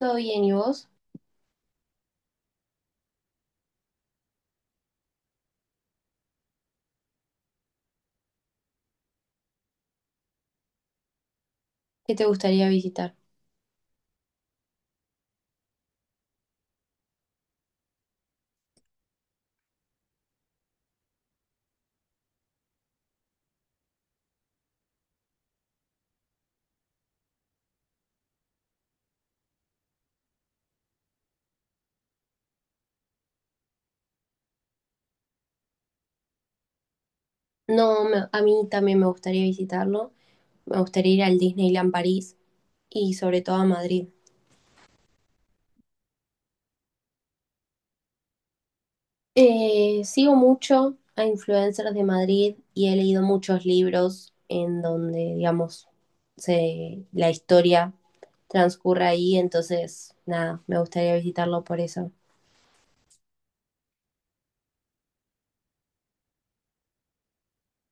Todo bien, ¿y vos? ¿Qué te gustaría visitar? No, me- A mí también me gustaría visitarlo. Me gustaría ir al Disneyland París y sobre todo a Madrid. Sigo mucho a influencers de Madrid y he leído muchos libros en donde, digamos, la historia transcurre ahí. Entonces, nada, me gustaría visitarlo por eso.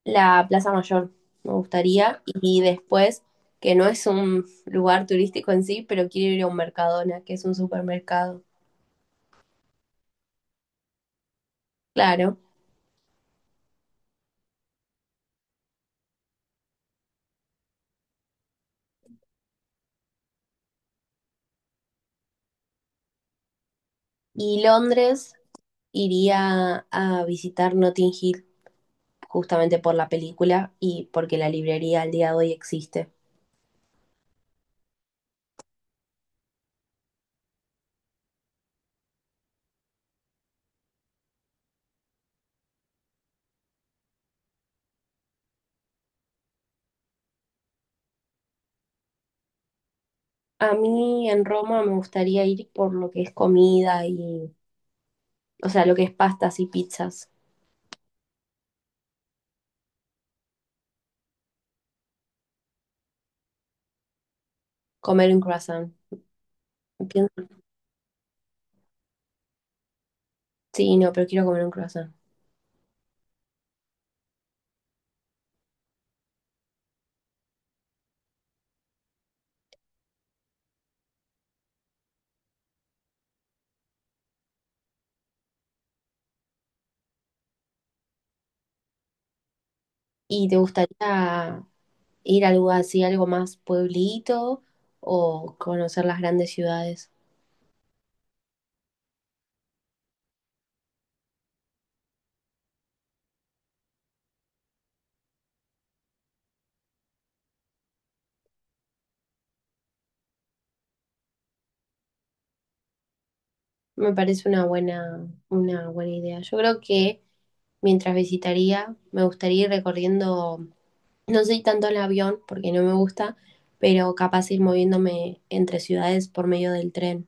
La Plaza Mayor me gustaría y después, que no es un lugar turístico en sí, pero quiero ir a un Mercadona, que es un supermercado. Claro. Y Londres iría a visitar Notting Hill justamente por la película y porque la librería al día de hoy existe. A mí en Roma me gustaría ir por lo que es comida y, o sea, lo que es pastas y pizzas. Comer un croissant. Pienso- Sí, no, pero quiero comer un croissant. ¿Y te gustaría ir a algo así, algo más pueblito o conocer las grandes ciudades? Me parece una buena idea. Yo creo que mientras visitaría, me gustaría ir recorriendo, no sé tanto en avión porque no me gusta, pero capaz ir moviéndome entre ciudades por medio del tren.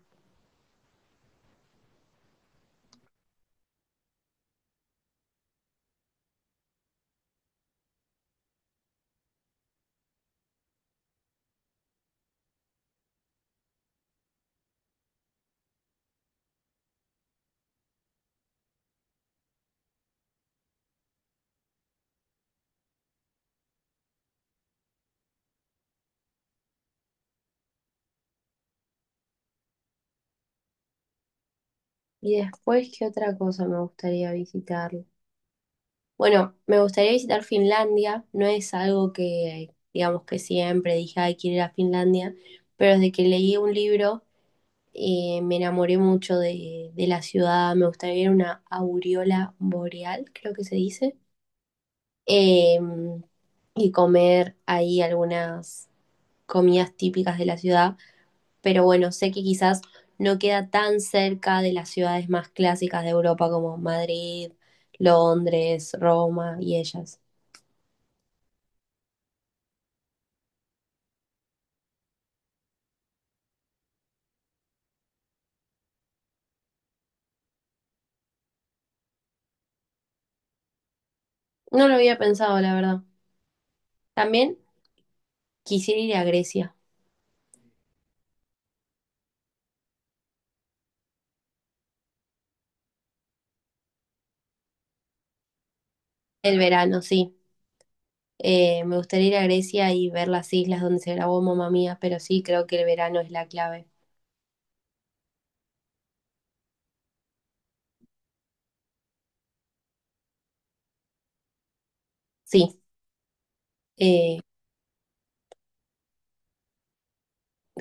Y después, ¿qué otra cosa me gustaría visitar? Bueno, me gustaría visitar Finlandia, no es algo que, digamos que siempre dije, ay, quiero ir a Finlandia, pero desde que leí un libro me enamoré mucho de la ciudad, me gustaría ver una aureola boreal, creo que se dice eh, y comer ahí algunas comidas típicas de la ciudad. Pero bueno, sé que quizás no queda tan cerca de las ciudades más clásicas de Europa como Madrid, Londres, Roma y ellas. No lo había pensado, la verdad. También quisiera ir a Grecia el verano, sí. Me gustaría ir a Grecia y ver las islas donde se grabó Mamma Mía, pero sí creo que el verano es la clave. Sí, eh,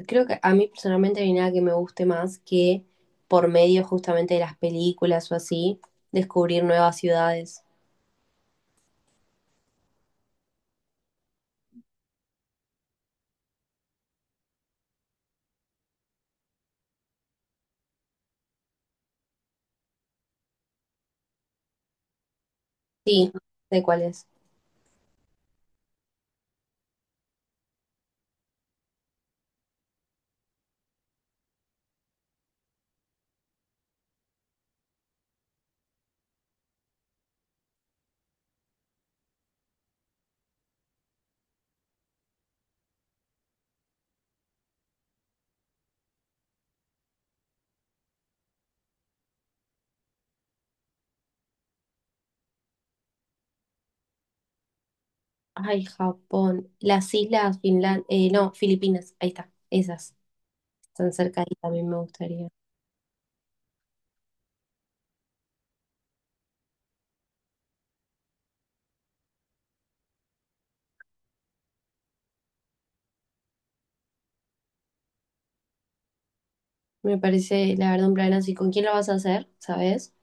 creo que a mí personalmente no hay nada que me guste más que por medio justamente de las películas o así, descubrir nuevas ciudades. Sí, de cuáles. Ay, Japón. Las islas, Finlandia, no, Filipinas, ahí está, esas. Están cerca y también me gustaría. Me parece, la verdad, un plan así. ¿Con quién lo vas a hacer? ¿Sabes?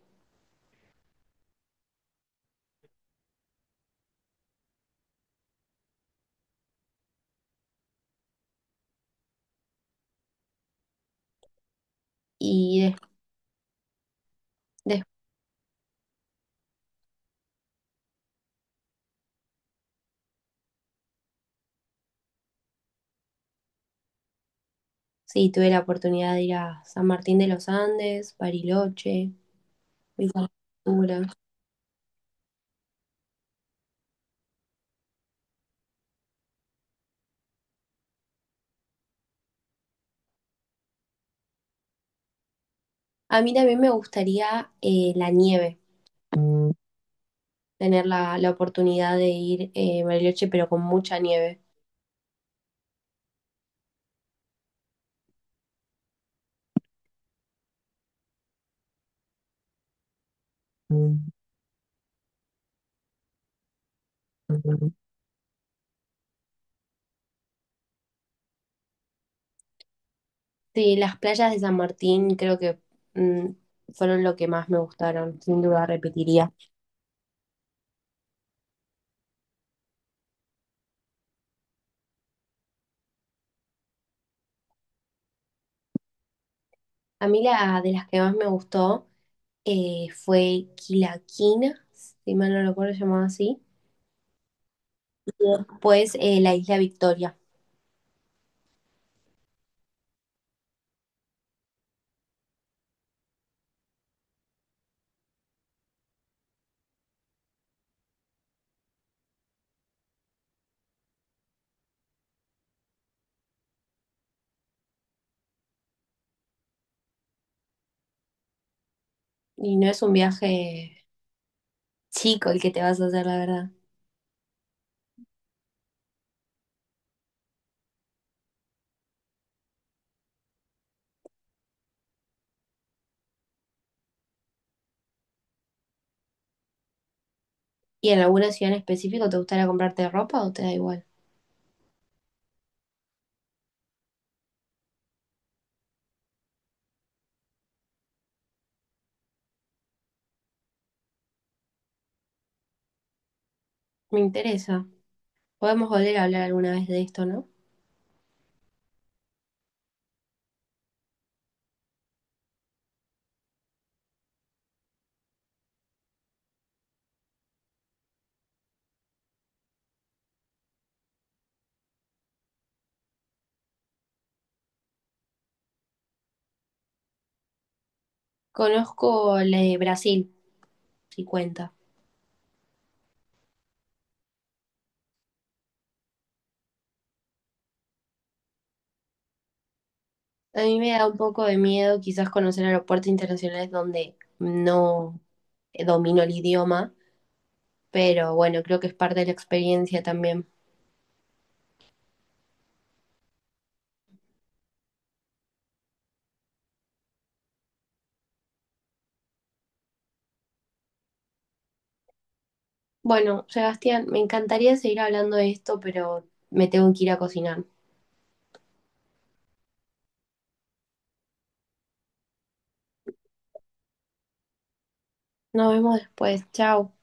Y des- Después, sí, tuve la oportunidad de ir a San Martín de los Andes, Bariloche, Villa Langostura. A mí también me gustaría la nieve. Tener la oportunidad de ir a Bariloche, pero con mucha nieve. Mm, ujú. Sí, las playas de San Martín creo que mm, fueron lo que más me gustaron, sin duda repetiría. A mí la de las que más me gustó fue Quilaquina, si mal no recuerdo llamado así, pues la isla Victoria. Y no es un viaje chico el que te vas a hacer, la verdad. ¿Y en alguna ciudad en específico te gustaría comprarte ropa o te da igual? Me interesa. Podemos volver a hablar alguna vez de esto, ¿no? Conozco la de Brasil, si cuenta. A mí me da un poco de miedo quizás conocer aeropuertos internacionales donde no domino el idioma, pero bueno, creo que es parte de la experiencia también. Bueno, Sebastián, me encantaría seguir hablando de esto, pero me tengo que ir a cocinar. Nos vemos después. Chao.